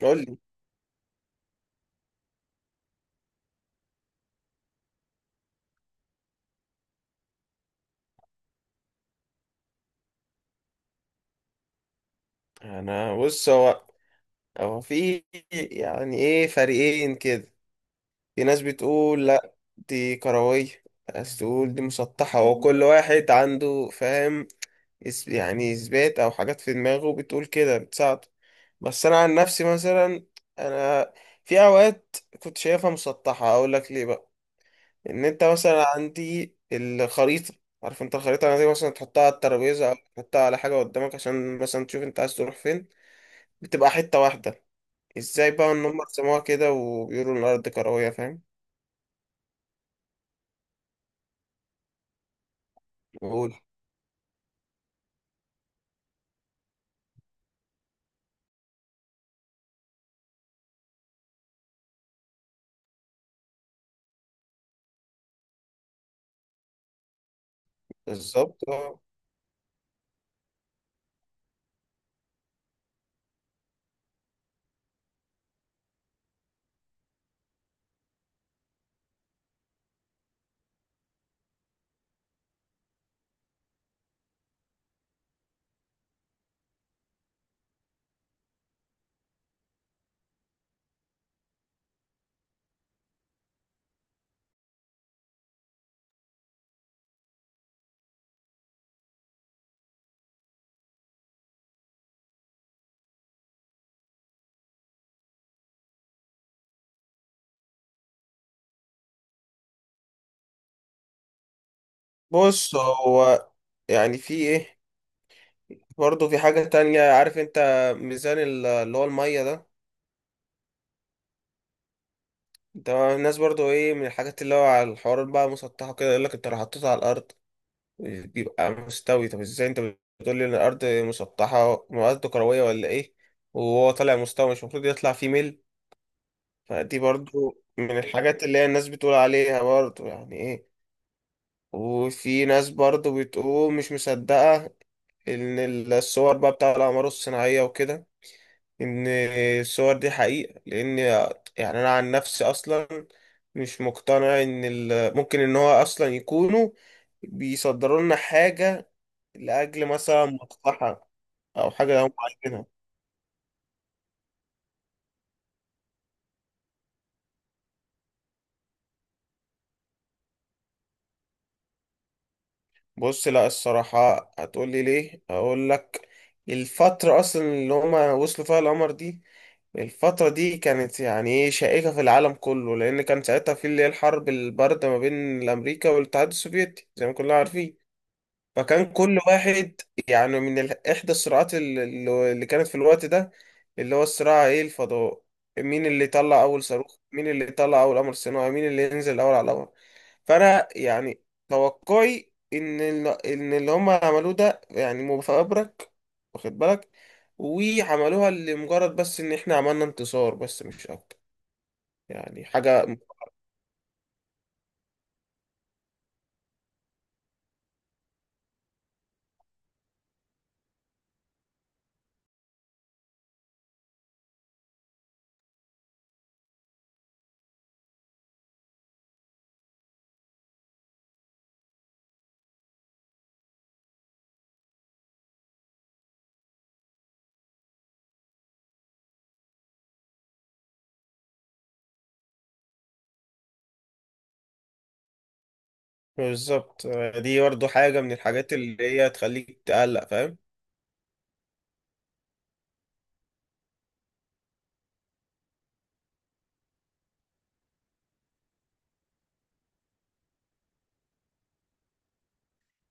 قول لي. انا بص هو هو في يعني ايه، فريقين كده. في ناس بتقول لا دي كروية، ناس تقول دي مسطحة، وكل واحد عنده فاهم يعني اثبات او حاجات في دماغه بتقول كده بتساعده. بس انا عن نفسي مثلا انا في اوقات كنت شايفها مسطحة، اقول لك ليه بقى. ان انت مثلا عندي الخريطة، عارف انت الخريطة دي مثلا تحطها على الترابيزة او تحطها على حاجة قدامك عشان مثلا تشوف انت عايز تروح فين. بتبقى حتة واحدة. ازاي بقى ان هم سموها كده وبيقولوا ان الارض كرويه، فاهم؟ قول. بالظبط اه. بص هو يعني في ايه، برضه في حاجه تانية عارف انت، ميزان اللي هو الميه ده. ده الناس برضه ايه، من الحاجات اللي هو على الحوارات بقى مسطحه كده، يقول لك انت لو حطيته على الارض بيبقى مستوي. طب ازاي انت بتقول لي ان الارض مسطحه، الارض كرويه ولا ايه، وهو طالع مستوي؟ مش المفروض يطلع فيه ميل؟ فدي برضه من الحاجات اللي هي الناس بتقول عليها، برضه يعني ايه. وفي ناس برضو بتقول مش مصدقة إن الصور بقى بتاع الأقمار الصناعية وكده، إن الصور دي حقيقة. لأن يعني أنا عن نفسي أصلا مش مقتنع إن ممكن إن هو أصلا يكونوا بيصدروا لنا حاجة لأجل مثلا مصلحة أو حاجة هم عايزينها. بص، لا الصراحة هتقولي ليه، أقول لك. الفترة أصلا اللي هما وصلوا فيها القمر دي، الفترة دي كانت يعني إيه، شائكة في العالم كله، لأن كان ساعتها في اللي هي الحرب الباردة ما بين الأمريكا والاتحاد السوفيتي زي ما كلنا عارفين. فكان كل واحد، يعني من إحدى الصراعات اللي كانت في الوقت ده، اللي هو الصراع إيه، الفضاء. مين اللي يطلع أول صاروخ، مين اللي يطلع أول قمر صناعي، مين اللي ينزل الأول على القمر. فانا يعني توقعي ان ان اللي هم عملوه ده يعني مفبرك، واخد بالك، وعملوها لمجرد بس ان احنا عملنا انتصار، بس مش اكتر. يعني حاجة بالظبط. دي برضه حاجة من الحاجات اللي هي تخليك تقلق، فاهم.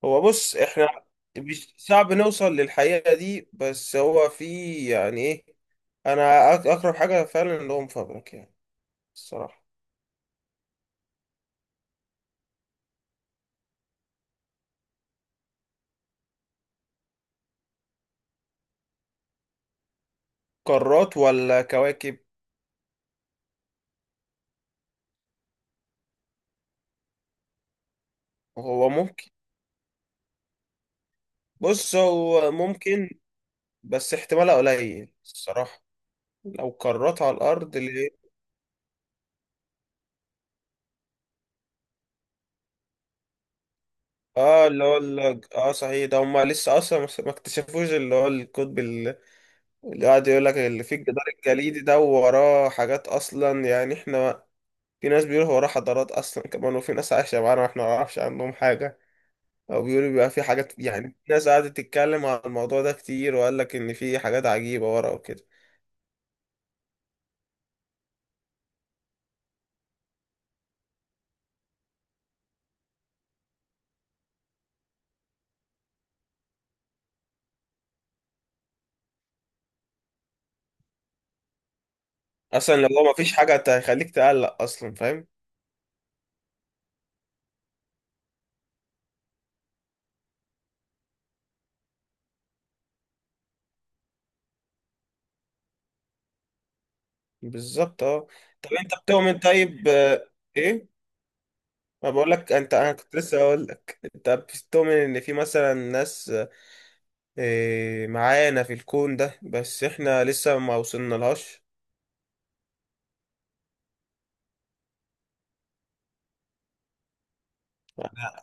هو بص احنا مش صعب نوصل للحقيقة دي، بس هو في يعني ايه، انا اقرب حاجة فعلا اللي هو مفبرك يعني، الصراحة. قارات ولا كواكب؟ هو ممكن. بص هو ممكن، بس احتمالها قليل الصراحة. لو كرات على الأرض اللي، اه اللي هو اه صحيح، ده هما لسه أصلا ما اكتشفوش اللي هو القطب اللي قاعد يقول لك، اللي فيه الجدار الجليدي ده وراه حاجات أصلا يعني احنا. في ناس بيقولوا وراه حضارات أصلا كمان، وفي ناس عايشة معانا واحنا ما نعرفش عنهم حاجة. أو بيقولوا بيبقى في حاجات، يعني في ناس قعدت تتكلم على الموضوع ده كتير، وقال لك إن في حاجات عجيبة ورا وكده. أصلا لو هو ما فيش حاجة هتخليك تقلق أصلا، فاهم. بالظبط اه. طب انت بتؤمن طيب، ايه؟ ما بقول لك انت، انا كنت لسه هقول لك، انت بتؤمن ان في مثلا ناس إيه، معانا في الكون ده بس احنا لسه ما وصلنا لهاش؟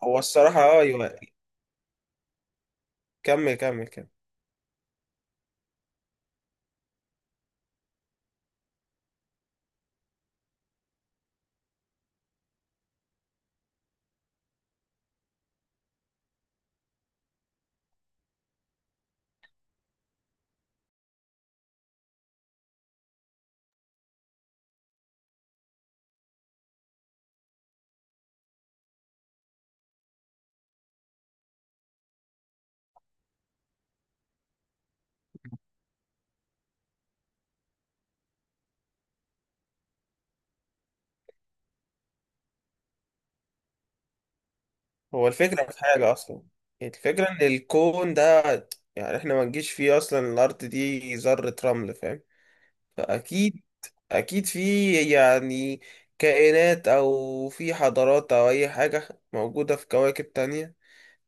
هو الصراحة اه ايوه. كمل كمل كمل. هو الفكرة في حاجة اصلا، الفكرة ان الكون ده، يعني احنا ما نجيش فيه اصلا، الارض دي ذرة رمل، فاهم. فاكيد، اكيد في يعني كائنات او في حضارات او اي حاجة موجودة في كواكب تانية،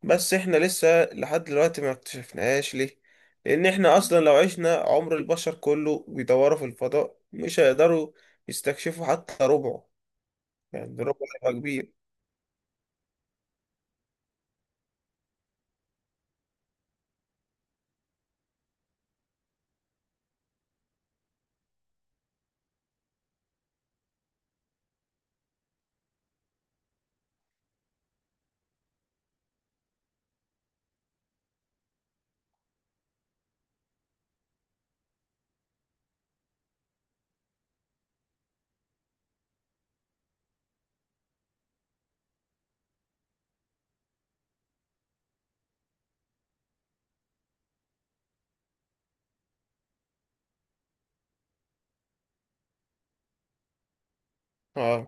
بس احنا لسه لحد دلوقتي ما اكتشفناهاش. ليه؟ لان احنا اصلا لو عشنا عمر البشر كله بيدوروا في الفضاء مش هيقدروا يستكشفوا حتى ربعه. يعني ربعه هيبقى كبير. اه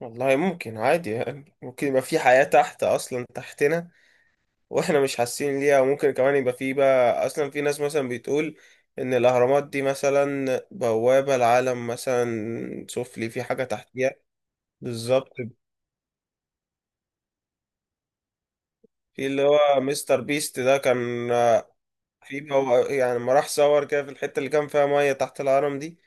والله ممكن عادي، يعني ممكن يبقى في حياة تحت اصلا تحتنا واحنا مش حاسين ليها. وممكن كمان يبقى في بقى اصلا في ناس مثلا بتقول ان الاهرامات دي مثلا بوابة العالم مثلا سفلي، في حاجة تحتيها. بالظبط. في اللي هو مستر بيست ده كان في يعني لما راح صور كده في الحتة اللي كان فيها مية تحت الهرم دي،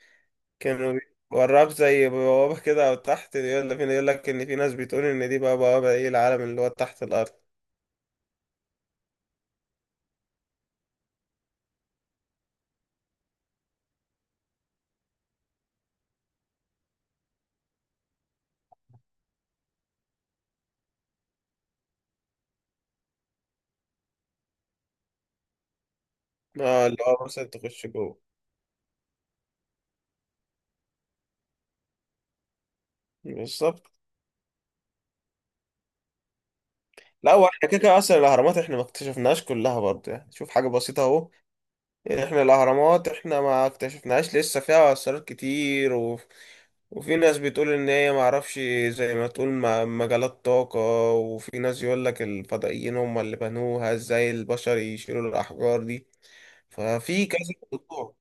كانوا وراك زي بوابة كده او تحت، يقول فينا، يقول لك ان في ناس بتقول ان دي بقى بوابة ايه، العالم اللي هو تحت الارض. اه اللي هو مثلا تخش جوه. بالظبط. لا واحنا كده كده اصلا الاهرامات احنا ما اكتشفناش كلها برضه، يعني شوف حاجه بسيطه اهو. يعني احنا الاهرامات احنا ما اكتشفناهاش، لسه فيها اسرار كتير، و... وفي ناس بتقول ان هي ما اعرفش، زي ما تقول مجالات طاقه. وفي ناس يقول لك الفضائيين هم اللي بنوها، ازاي البشر يشيلوا الاحجار دي. ففي كذا موضوع.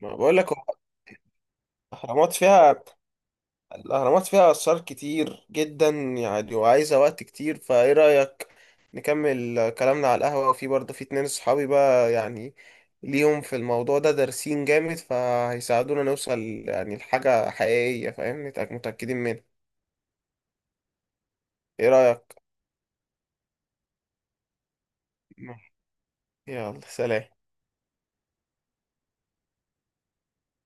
ما بقول لك هو الاهرامات فيها، الأهرامات فيها آثار كتير جدا يعني، وعايزة وقت كتير. فإيه رأيك نكمل كلامنا على القهوة، وفي برضه في اتنين صحابي بقى يعني ليهم في الموضوع ده، دارسين جامد، فهيساعدونا نوصل يعني لحاجة حقيقية، فاهم، متأكدين منها. إيه رأيك؟ يلا سلام.